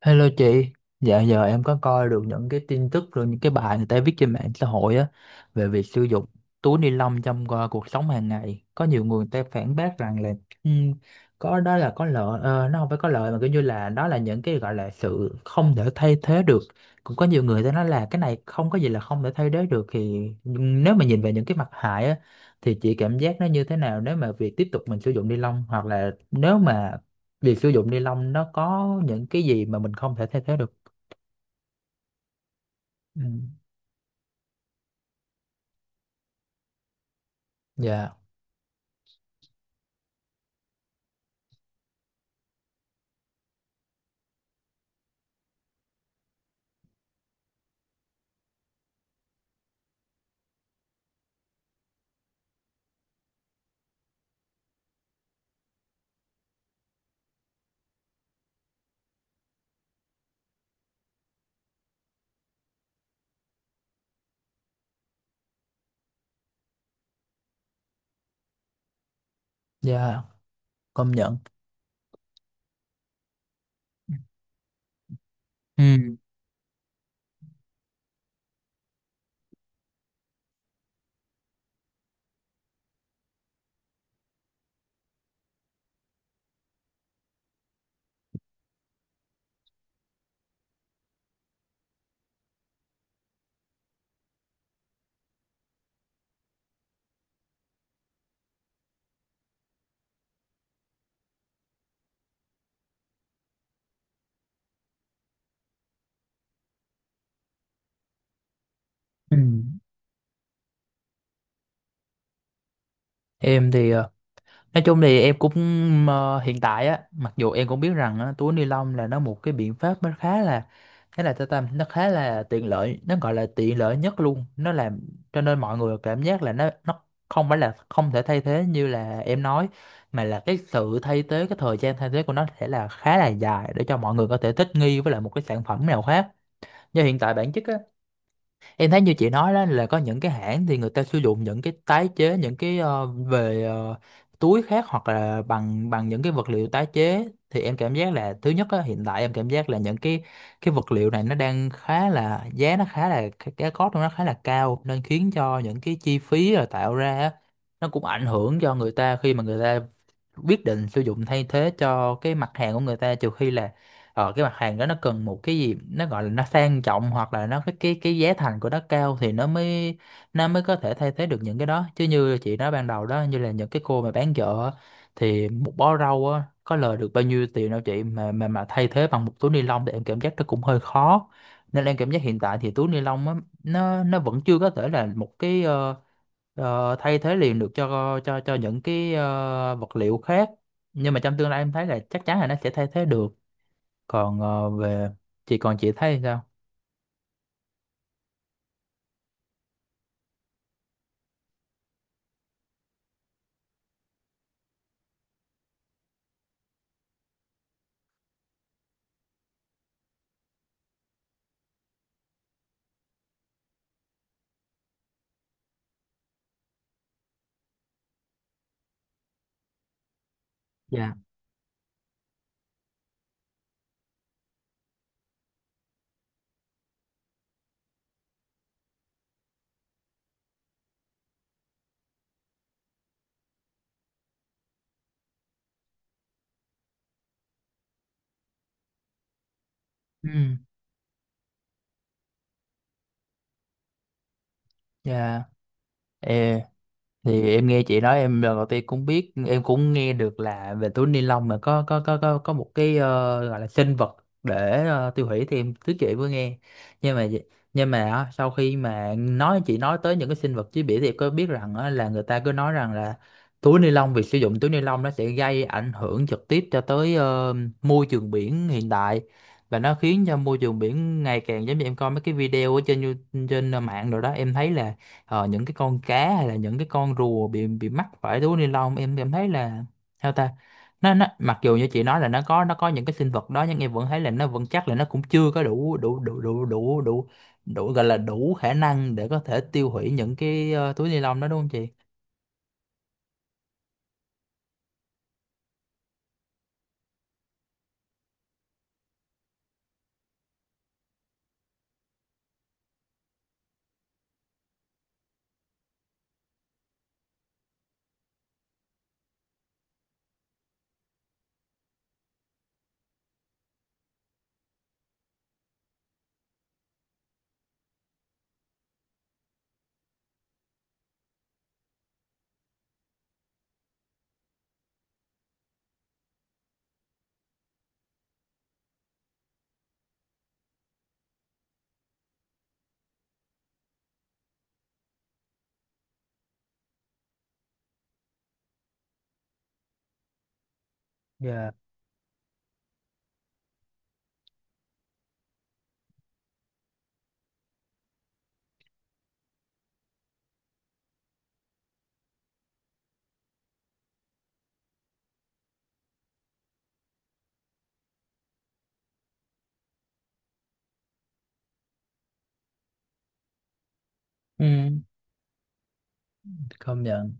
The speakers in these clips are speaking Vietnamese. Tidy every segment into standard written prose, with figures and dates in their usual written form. Hello chị, dạo giờ em có coi được những cái tin tức rồi những cái bài người ta viết trên mạng xã hội á về việc sử dụng túi ni lông trong cuộc sống hàng ngày. Có nhiều người người ta phản bác rằng là ừm, có đó là có lợi, nó không phải có lợi mà kiểu như là đó là những cái gọi là sự không thể thay thế được. Cũng có nhiều người ta nói là cái này không có gì là không thể thay thế được thì nhưng nếu mà nhìn về những cái mặt hại á thì chị cảm giác nó như thế nào nếu mà việc tiếp tục mình sử dụng ni lông, hoặc là nếu mà việc sử dụng ni lông nó có những cái gì mà mình không thể thay thế được. Ừ. Dạ, dạ, công nhận. Ừ. Ừ. Em thì nói chung thì em cũng, hiện tại á, mặc dù em cũng biết rằng á, túi ni lông là nó một cái biện pháp nó khá là tao tâm, nó khá là tiện lợi, nó gọi là tiện lợi nhất luôn. Nó làm cho nên mọi người cảm giác là nó không phải là không thể thay thế như là em nói, mà là cái sự thay thế, cái thời gian thay thế của nó sẽ là khá là dài để cho mọi người có thể thích nghi với lại một cái sản phẩm nào khác. Do hiện tại bản chất á, em thấy như chị nói đó là có những cái hãng thì người ta sử dụng những cái tái chế, những cái về túi khác hoặc là bằng bằng những cái vật liệu tái chế, thì em cảm giác là thứ nhất á, hiện tại em cảm giác là những cái vật liệu này nó đang khá là giá, nó khá là cái cost của nó khá là cao, nên khiến cho những cái chi phí rồi tạo ra á, nó cũng ảnh hưởng cho người ta khi mà người ta quyết định sử dụng thay thế cho cái mặt hàng của người ta, trừ khi là cái mặt hàng đó nó cần một cái gì nó gọi là nó sang trọng, hoặc là nó cái giá thành của nó cao thì nó mới có thể thay thế được những cái đó. Chứ như chị nói ban đầu đó, như là những cái cô mà bán chợ á, thì một bó rau á có lời được bao nhiêu tiền đâu chị, mà thay thế bằng một túi ni lông thì em cảm giác nó cũng hơi khó, nên em cảm giác hiện tại thì túi ni lông á, nó vẫn chưa có thể là một cái thay thế liền được, cho những cái vật liệu khác, nhưng mà trong tương lai em thấy là chắc chắn là nó sẽ thay thế được. Còn về chị, còn chị thấy sao? Dạ. Ừ. Dạ. Ờ, thì em nghe chị nói, em lần đầu tiên cũng biết, em cũng nghe được là về túi ni lông mà có một cái gọi là sinh vật để tiêu hủy, thì em thứ chị vừa nghe, nhưng mà nhưng mà á, sau khi mà nói, chị nói tới những cái sinh vật chế biển, thì em có biết rằng á, là người ta cứ nói rằng là túi ni lông, việc sử dụng túi ni lông nó sẽ gây ảnh hưởng trực tiếp cho tới môi trường biển hiện tại, và nó khiến cho môi trường biển ngày càng, giống như em coi mấy cái video ở trên trên mạng rồi đó, em thấy là những cái con cá hay là những cái con rùa bị mắc phải túi ni lông, em thấy là sao ta. Nó mặc dù như chị nói là nó có những cái sinh vật đó, nhưng em vẫn thấy là nó vẫn, chắc là nó cũng chưa có đủ đủ đủ đủ đủ đủ đủ gọi là đủ khả năng để có thể tiêu hủy những cái túi ni lông đó, đúng không chị? Dạ. Ừ. Công nhận.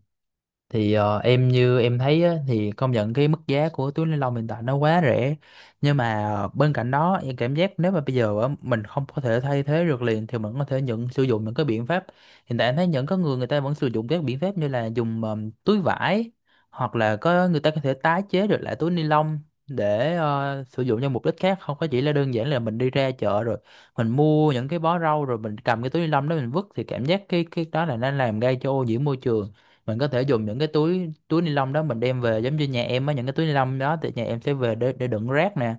Thì em như em thấy á, thì công nhận cái mức giá của túi ni lông hiện tại nó quá rẻ, nhưng mà bên cạnh đó em cảm giác nếu mà bây giờ á, mình không có thể thay thế được liền, thì mình có thể nhận sử dụng những cái biện pháp. Hiện tại em thấy những có người người ta vẫn sử dụng các biện pháp như là dùng túi vải, hoặc là có người ta có thể tái chế được lại túi ni lông để sử dụng cho mục đích khác, không có chỉ là đơn giản là mình đi ra chợ rồi mình mua những cái bó rau rồi mình cầm cái túi ni lông đó mình vứt, thì cảm giác cái đó là nó làm gây cho ô nhiễm môi trường. Mình có thể dùng những cái túi túi ni lông đó mình đem về, giống như nhà em á, những cái túi ni lông đó thì nhà em sẽ về để đựng rác nè,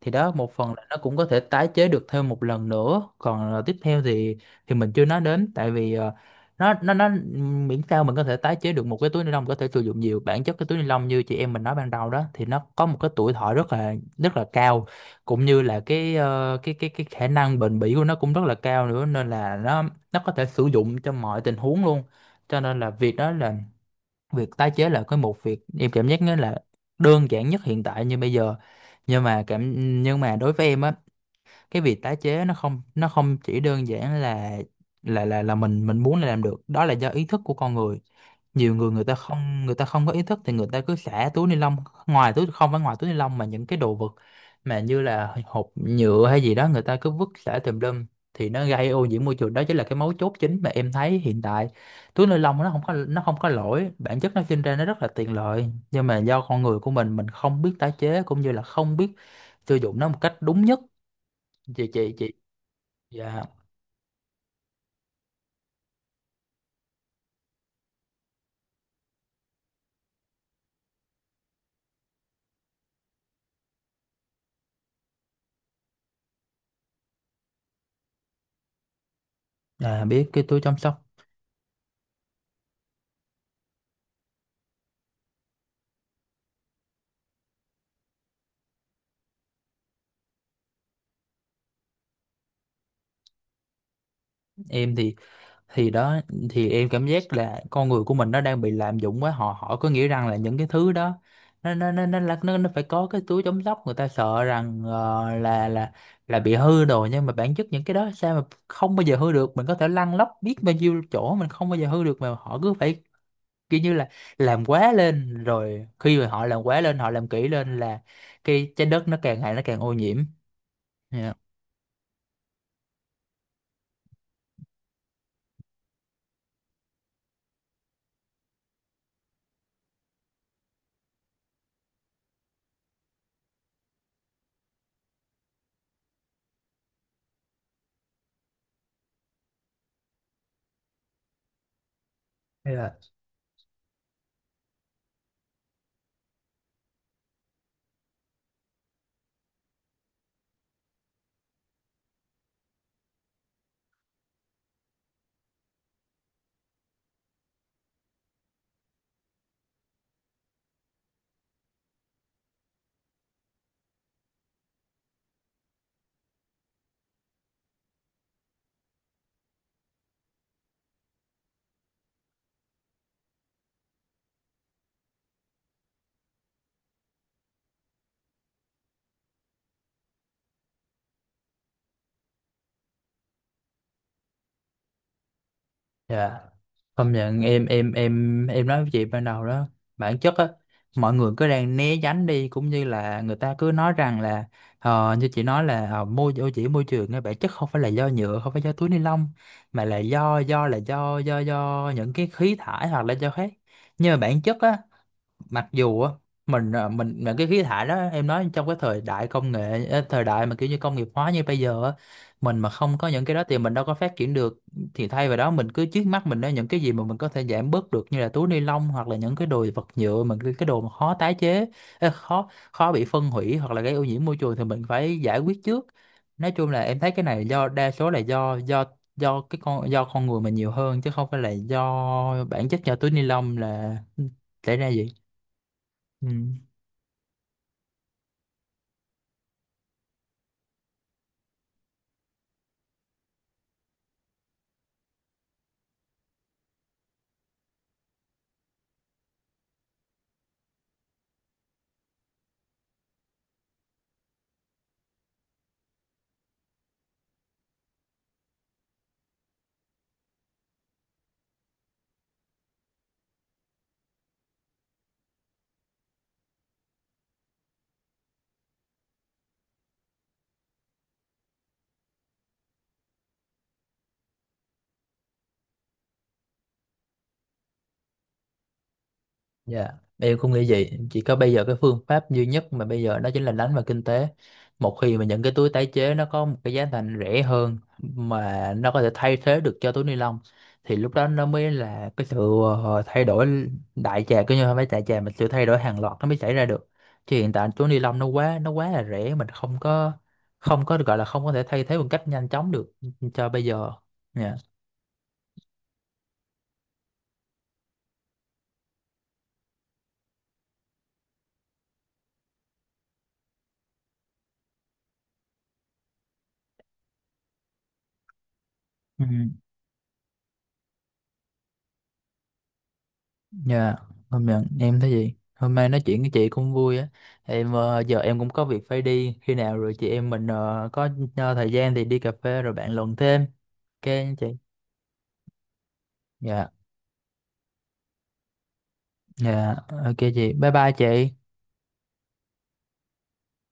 thì đó một phần là nó cũng có thể tái chế được thêm một lần nữa. Còn tiếp theo thì mình chưa nói đến, tại vì nó miễn sao mình có thể tái chế được một cái túi ni lông, có thể sử dụng nhiều, bản chất cái túi ni lông như chị em mình nói ban đầu đó thì nó có một cái tuổi thọ rất là cao, cũng như là cái cái khả năng bền bỉ của nó cũng rất là cao nữa, nên là nó có thể sử dụng cho mọi tình huống luôn. Cho nên là việc đó là việc tái chế là cái một việc em cảm giác nó là đơn giản nhất hiện tại như bây giờ. Nhưng mà cảm nhưng mà đối với em á, cái việc tái chế nó không chỉ đơn giản là mình muốn là làm được, đó là do ý thức của con người. Nhiều người người ta không có ý thức, thì người ta cứ xả túi ni lông ngoài, túi không phải ngoài túi ni lông mà những cái đồ vật mà như là hộp nhựa hay gì đó người ta cứ vứt xả tùm lum, thì nó gây ô nhiễm môi trường. Đó chính là cái mấu chốt chính mà em thấy hiện tại. Túi ni lông nó không có lỗi, bản chất nó sinh ra nó rất là tiện lợi, nhưng mà do con người của mình không biết tái chế cũng như là không biết sử dụng nó một cách đúng nhất. Chị. Dạ. À, biết cái túi chăm sóc. Em thì đó, thì em cảm giác là con người của mình nó đang bị lạm dụng quá. Họ họ có nghĩa rằng là những cái thứ đó, nó phải có cái túi chống sốc, người ta sợ rằng là bị hư đồ, nhưng mà bản chất những cái đó sao mà không bao giờ hư được, mình có thể lăn lóc biết bao nhiêu chỗ mình không bao giờ hư được, mà họ cứ phải kiểu như là làm quá lên, rồi khi mà họ làm quá lên họ làm kỹ lên là cái trái đất nó càng ngày nó càng ô nhiễm. Dạ. Dạ. Công nhận. Em nói với chị ban đầu đó, bản chất á, mọi người cứ đang né tránh đi, cũng như là người ta cứ nói rằng là như chị nói là ô nhiễm môi trường á, bản chất không phải là do nhựa, không phải do túi ni lông, mà là do những cái khí thải hoặc là do khác, nhưng mà bản chất á, mặc dù á, mình mà cái khí thải đó em nói, trong cái thời đại công nghệ thời đại mà kiểu như công nghiệp hóa như bây giờ á, mình mà không có những cái đó thì mình đâu có phát triển được, thì thay vào đó mình cứ trước mắt mình đó những cái gì mà mình có thể giảm bớt được, như là túi ni lông hoặc là những cái đồ vật nhựa, mà cái đồ mà khó tái chế, khó khó bị phân hủy hoặc là gây ô nhiễm môi trường thì mình phải giải quyết trước. Nói chung là em thấy cái này do đa số là do con người mình nhiều hơn, chứ không phải là do bản chất do túi ni lông là xảy ra gì. Ừ. Dạ, em cũng nghĩ vậy. Chỉ có bây giờ cái phương pháp duy nhất mà bây giờ đó chính là đánh vào kinh tế. Một khi mà những cái túi tái chế nó có một cái giá thành rẻ hơn mà nó có thể thay thế được cho túi ni lông, thì lúc đó nó mới là cái sự thay đổi đại trà, cứ như không phải đại trà mà sự thay đổi hàng loạt nó mới xảy ra được. Chứ hiện tại túi ni lông nó quá là rẻ, mình không có được gọi là không có thể thay thế một cách nhanh chóng được cho bây giờ. Dạ. Ừ. Dạ, hôm nay em thấy gì? Hôm nay nói chuyện với chị cũng vui á. Em giờ em cũng có việc phải đi. Khi nào rồi chị em mình có thời gian thì đi cà phê rồi bạn luận thêm. Ok nha chị. Dạ, dạ, ok chị. Bye bye chị.